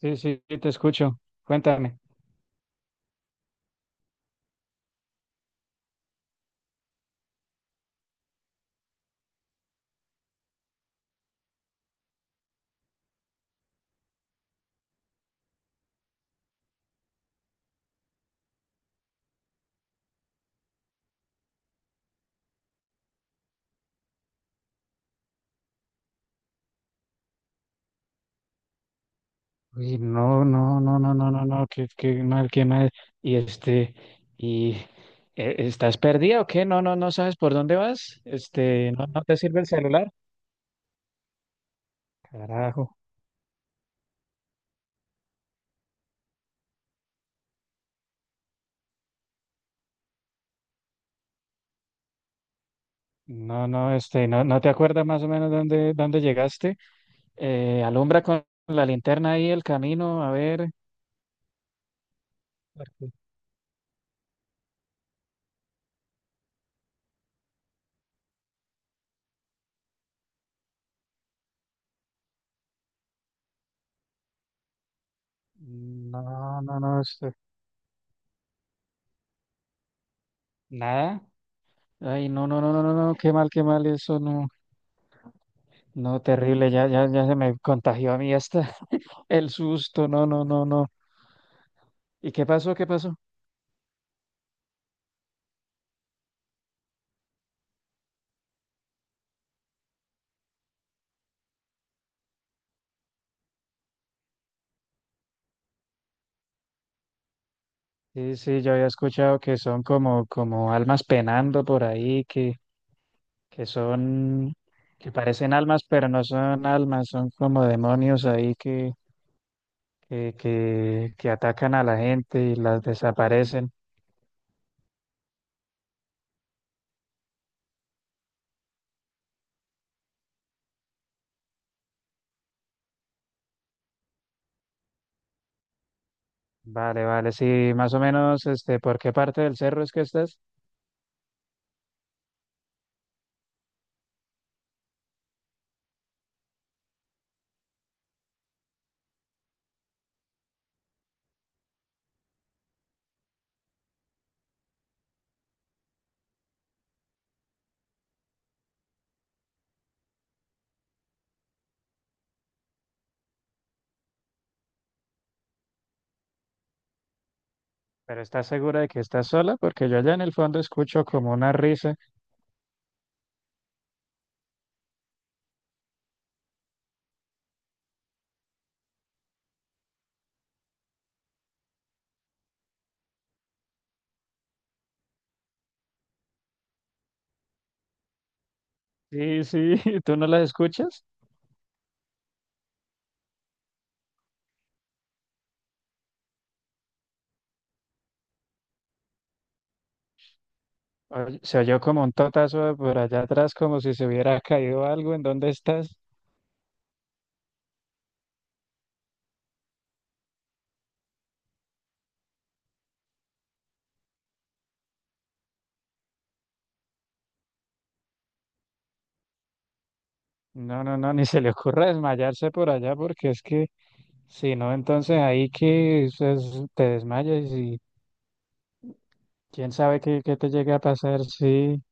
Sí, sí, sí, te escucho. Cuéntame. Uy, no, no, no, no, no, no, no, qué, qué mal, qué mal. Y este, y ¿Estás perdida o qué? No, no, no sabes por dónde vas. No, no te sirve el celular. Carajo. No, no, no, no te acuerdas más o menos dónde, dónde llegaste. Alumbra con la linterna ahí el camino, a ver. porque- No, no, no, nada. Ay, no, no, no, no, no, no, qué mal, eso no. No, terrible, ya, ya, ya se me contagió a mí hasta el susto, no, no, no, no. ¿Y qué pasó? ¿Qué pasó? Sí, sí, yo había escuchado que son como, como almas penando por ahí, que son, que parecen almas, pero no son almas, son como demonios ahí que, que atacan a la gente y las desaparecen. Vale, vale, sí, más o menos, ¿por qué parte del cerro es que estás? Pero ¿estás segura de que estás sola? Porque yo allá en el fondo escucho como una risa. Sí, sí, ¿tú no las escuchas? Oye, se oyó como un totazo por allá atrás, como si se hubiera caído algo. ¿En dónde estás? No, no, no, ni se le ocurra desmayarse por allá, porque es que si no, entonces te desmayas y quién sabe qué, qué te llegue a pasar. Sí,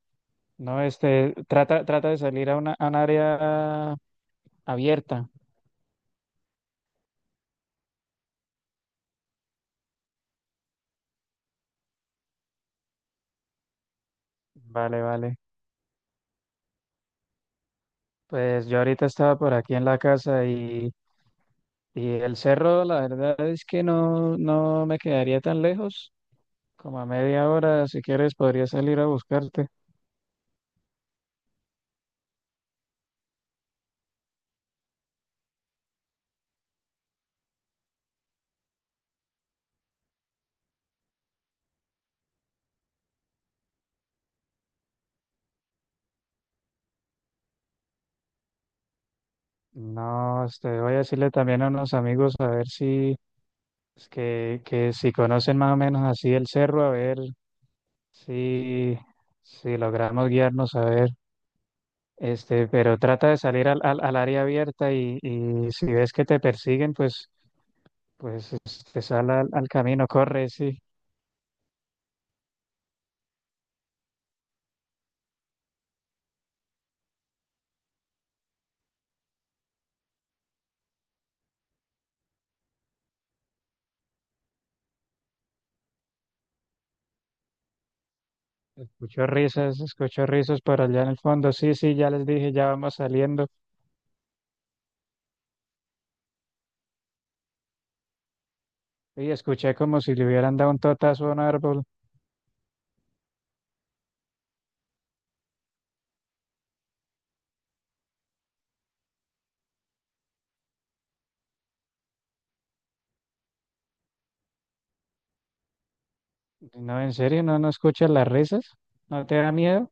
no, trata, trata de salir a una, a un área abierta. Vale, vale. Pues yo ahorita estaba por aquí en la casa y. Y el cerro, la verdad es que no, no me quedaría tan lejos. Como a media hora, si quieres, podría salir a buscarte. No, voy a decirle también a unos amigos a ver si, es que si conocen más o menos así el cerro, a ver si, si logramos guiarnos, a ver. Pero trata de salir al, al, al área abierta y si ves que te persiguen, pues, pues te sal al, al camino, corre, sí. Escucho risas, escucho risos por allá en el fondo. Sí, sí, ya les dije, ya vamos saliendo. Y escuché como si le hubieran dado un totazo a un árbol. No, en serio, no, no escuchas las risas, no te da miedo.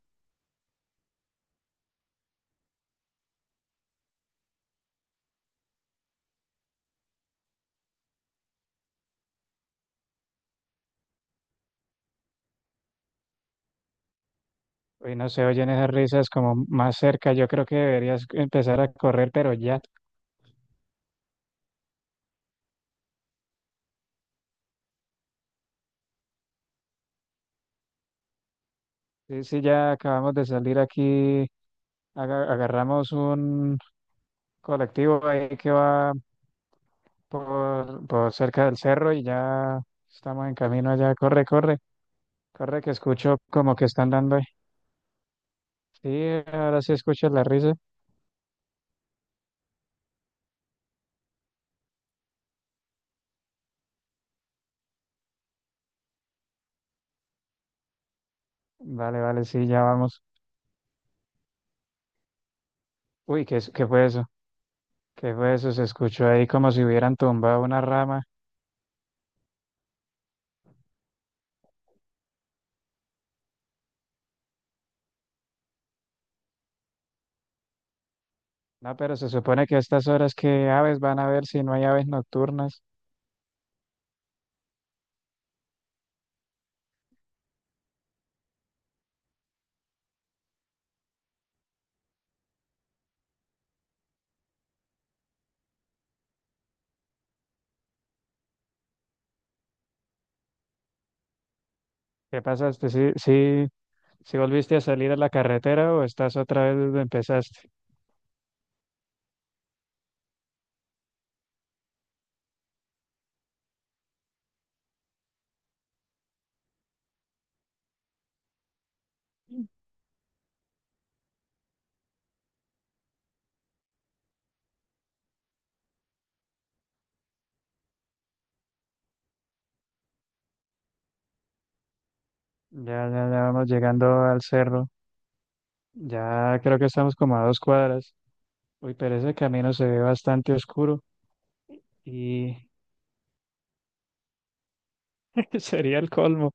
Uy, no se oyen esas risas como más cerca. Yo creo que deberías empezar a correr, pero ya. Sí, sí, ya acabamos de salir aquí. Agarramos un colectivo ahí que va por cerca del cerro y ya estamos en camino allá. Corre, corre, corre, que escucho como que están dando ahí. Sí, ahora sí escuchas la risa. Vale, vale, sí, ya vamos. Uy, ¿qué fue eso? ¿Qué fue eso? Se escuchó ahí como si hubieran tumbado una rama. No, pero se supone que a estas horas que aves van a ver si no hay aves nocturnas. ¿Qué pasaste? ¿Sí, sí, sí volviste a salir a la carretera o estás otra vez donde empezaste? Ya, ya, ya vamos llegando al cerro. Ya creo que estamos como a dos cuadras. Uy, pero ese camino se ve bastante oscuro y sería el colmo.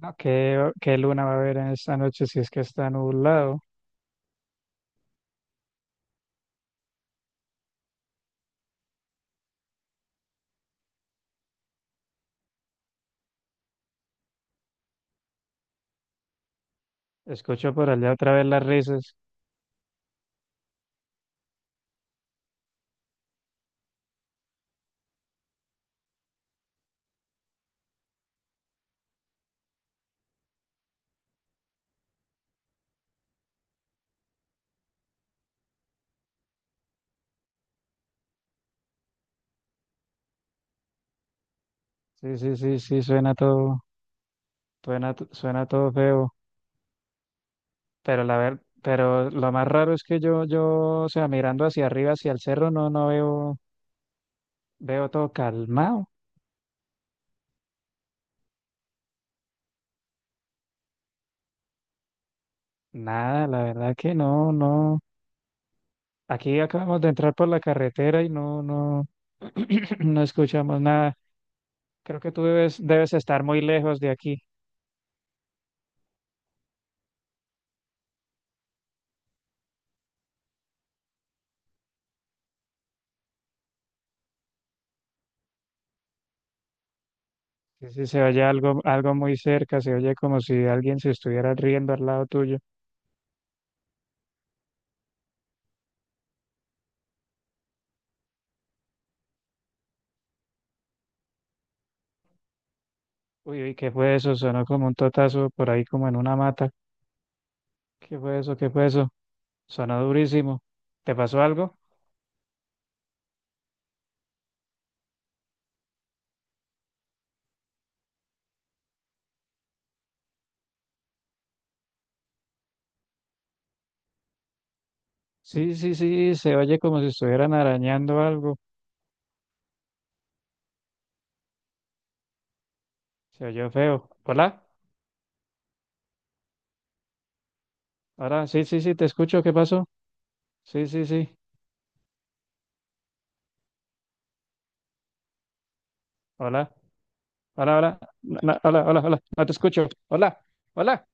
No, ¿qué, qué luna va a haber en esta noche si es que está nublado? Escucho por allá otra vez las risas. Sí, sí, sí, sí, suena todo, suena, suena todo feo. Pero lo más raro es que yo, o sea, mirando hacia arriba, hacia el cerro, no, no veo, veo todo calmado. Nada, la verdad que no, no. Aquí acabamos de entrar por la carretera y no, no, no escuchamos nada. Creo que tú debes, debes estar muy lejos de aquí. Sí, sí, se oye algo, algo muy cerca, se oye como si alguien se estuviera riendo al lado tuyo. Uy, uy, ¿qué fue eso? Sonó como un totazo por ahí, como en una mata. ¿Qué fue eso? ¿Qué fue eso? Sonó durísimo. ¿Te pasó algo? Sí, sí, sí, se oye como si estuvieran arañando algo. Se oyó feo. Hola, hola, sí, sí, sí, te escucho. ¿Qué pasó? Sí, sí, sí. Hola, hola, hola, no, no, hola, hola, hola, no te escucho. Hola, hola.